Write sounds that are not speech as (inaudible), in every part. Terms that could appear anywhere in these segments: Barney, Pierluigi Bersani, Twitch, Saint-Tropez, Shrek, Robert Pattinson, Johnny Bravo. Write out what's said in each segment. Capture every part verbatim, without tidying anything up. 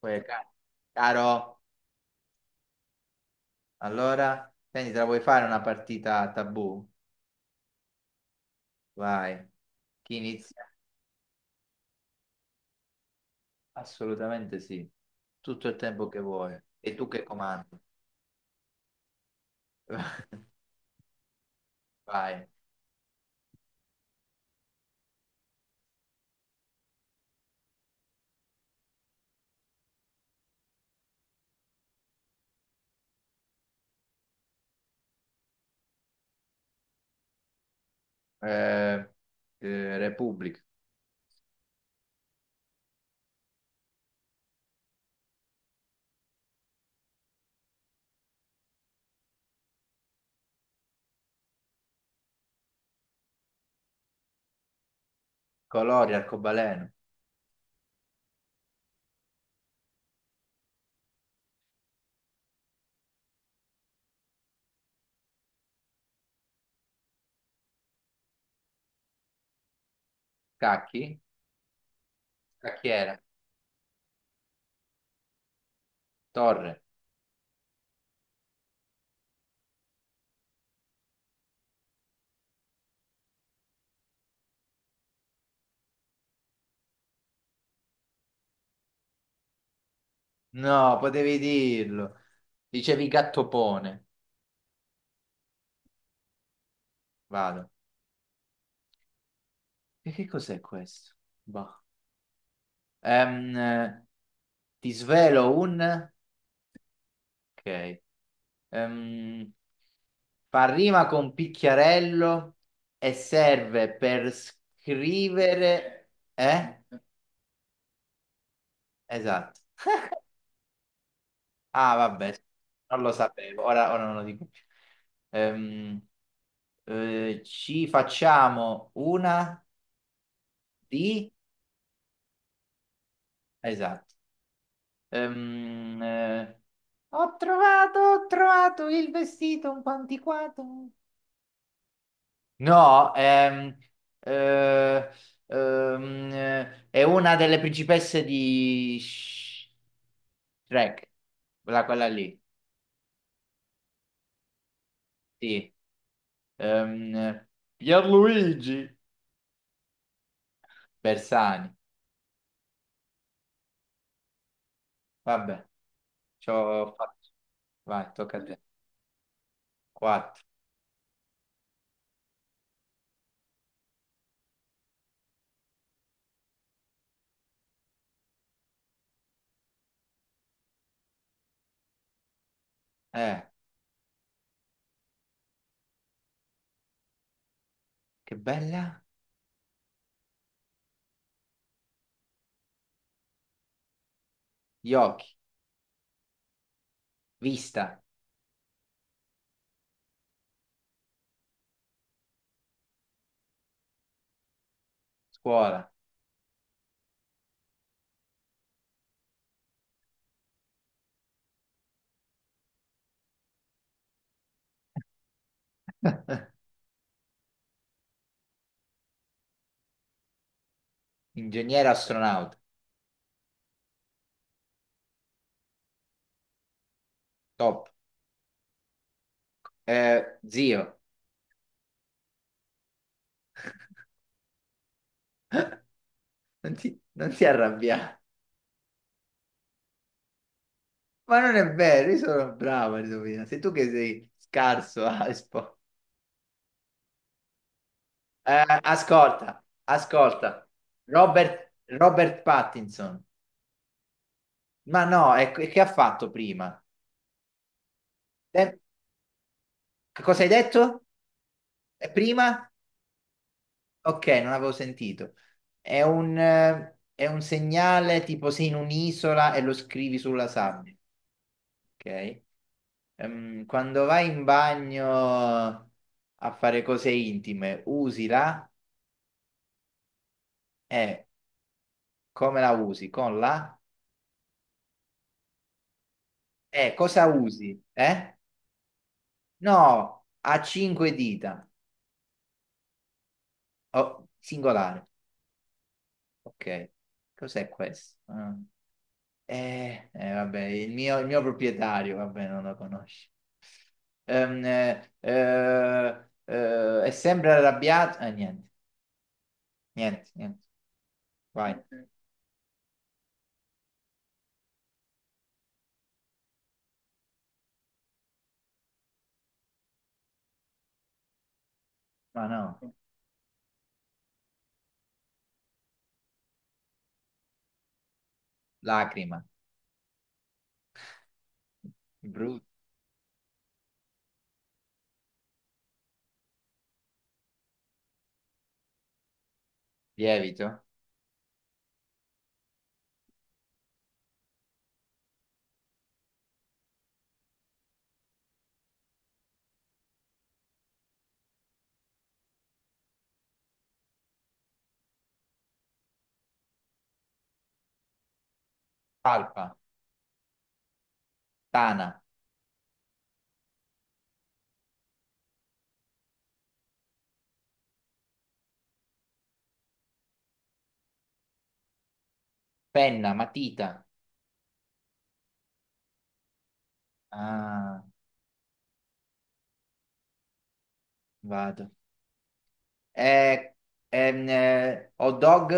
Poi, ca- caro, allora, senti, te la vuoi fare una partita tabù? Vai. Chi inizia? Assolutamente sì. Tutto il tempo che vuoi. E tu che comandi. (laughs) Vai. Eh, eh, Repubblica. Colori, arcobaleno. Cacchi? Cacchiera. Torre. No, potevi dirlo. Dicevi gattopone. Vado. E che cos'è questo? Boh. Ehm, eh, ti svelo un... Ok. Ehm, fa rima con picchiarello e serve per scrivere... Eh? Esatto. Ah, vabbè, non lo sapevo, ora, ora non lo dico più. Ehm, eh, ci facciamo una di... Esatto. Ehm, eh, ho trovato, ho trovato il vestito un po' antiquato. No, ehm, eh, ehm, eh, è una delle principesse di Shrek, quella, quella lì, sì. Ehm, Pierluigi Bersani, vabbè, ci ho fatto. Vai, tocca a te. Quattro. Eh, che bella. Gli occhi, vista, scuola, (laughs) ingegnere astronauta, top. Eh, zio, non ti, non ti arrabbiare. Ma non è vero, io sono bravo a indovinare. Sei tu che sei scarso (laughs) a, espo- Eh, ascolta, ascolta. Robert, Robert Pattinson. Ma no, è, che ha fatto prima? Eh, che cosa hai detto? Eh, prima? Ok, non avevo sentito. È un, eh, è un segnale tipo sei in un'isola e lo scrivi sulla sabbia. Ok? Ehm, quando vai in bagno a fare cose intime, usi la... E. Come la usi? Con la? Eh, cosa usi? Eh? No, ha cinque dita. Oh, singolare. Ok. Cos'è questo? Ah. Eh, eh, vabbè, il mio, il mio proprietario, vabbè, non lo conosci. Ehm, eh, eh, eh, è sempre arrabbiato. Eh, niente, niente, niente. Vai. Ma no. Lacrima, brutto, lievito, palpa, tana, penna, matita. Ah, vado. Eh, ehm, eh, hot dog?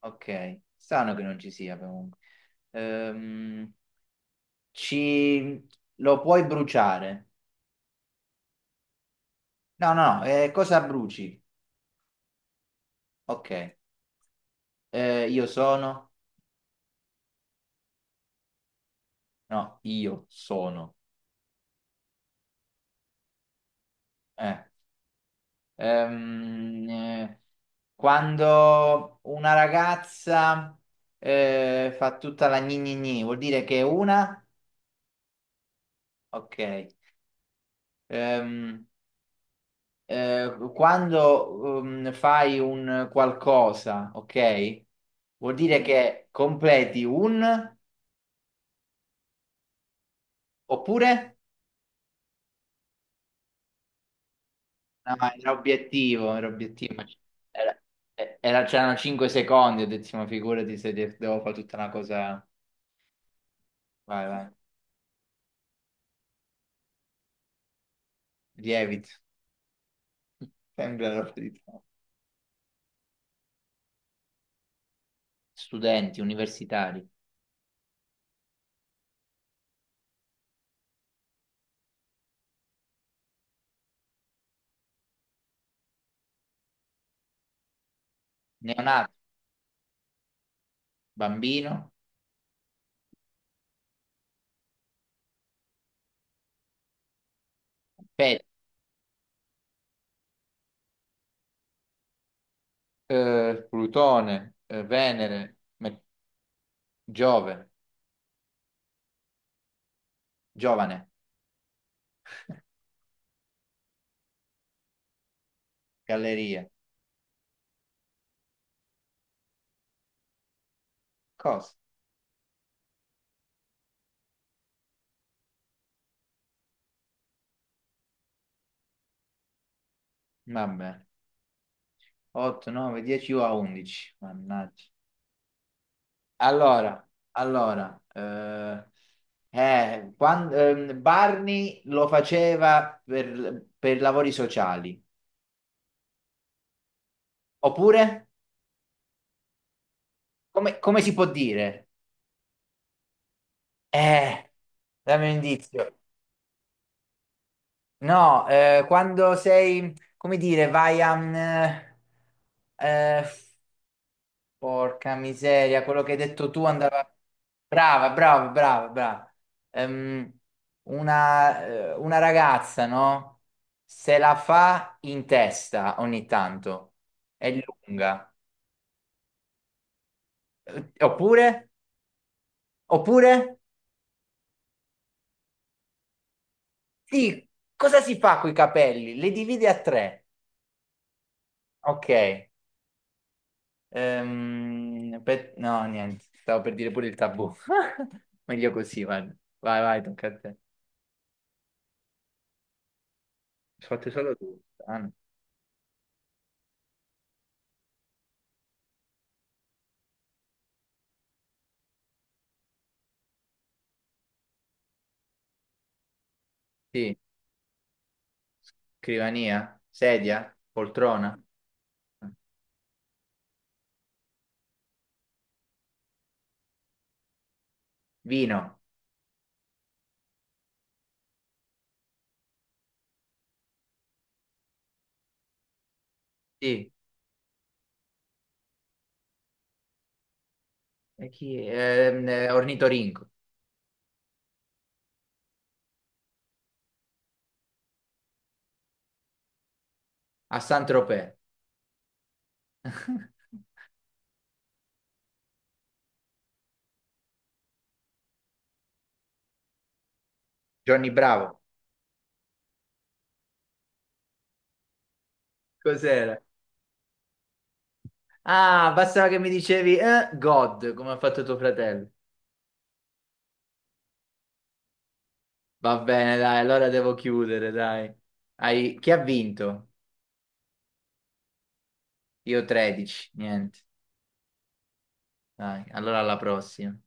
Ok, strano che non ci sia comunque. Ehm, ci... Lo puoi bruciare? No, no, no, eh, cosa bruci? Ok. Eh, io sono? No, io sono. Eh, ehm, eh, quando una ragazza eh, fa tutta la gni gni gni, vuol dire che è una? Ok. Ehm, eh, quando ehm, fai un qualcosa, ok? Vuol dire che completi un oppure? No, era obiettivo, era obiettivo. ma c- Era, eh, era- c'erano cinque secondi, ho detto, ma figurati se de- devo fare tutta una cosa. Vai, vai. Lievito, sembra la verità. Studenti, universitari, neonato, bambino, pet, eh, Plutone, eh, Venere, Me- Giove, giovane, (laughs) galleria. Cosa? Vabbè, otto, nove, dieci o a undici. Mannaggia. Allora, allora, eh, eh, quan- ehm, Barney lo faceva per, per lavori sociali. Oppure, come, come si può dire? Eh, dammi un indizio. No, eh, quando sei, come dire, vai a... mm, eh, eh, porca miseria, quello che hai detto tu andava... Brava, brava, brava, brava. Ehm, una, eh, una ragazza, no? Se la fa in testa ogni tanto. È lunga. Eh, Oppure? Oppure? Sì, cosa si fa coi capelli? Li dividi a tre. Ok. Ehm, pe- No, niente. Stavo per dire pure il tabù. (laughs) Meglio così, guarda. Vai, vai, tocca a te. Ho fatto solo tu. Ah, no. Sì. Scrivania, sedia, poltrona, vino, sì, e chi? Ehm, eh, ornitorinco, a Saint-Tropez. (laughs) Johnny Bravo, cos'era? Ah, bastava che mi dicevi eh, God, come ha fatto tuo fratello. Va bene, dai, allora devo chiudere, dai. Hai- Chi ha vinto? Io tredici, niente. Dai, allora alla prossima.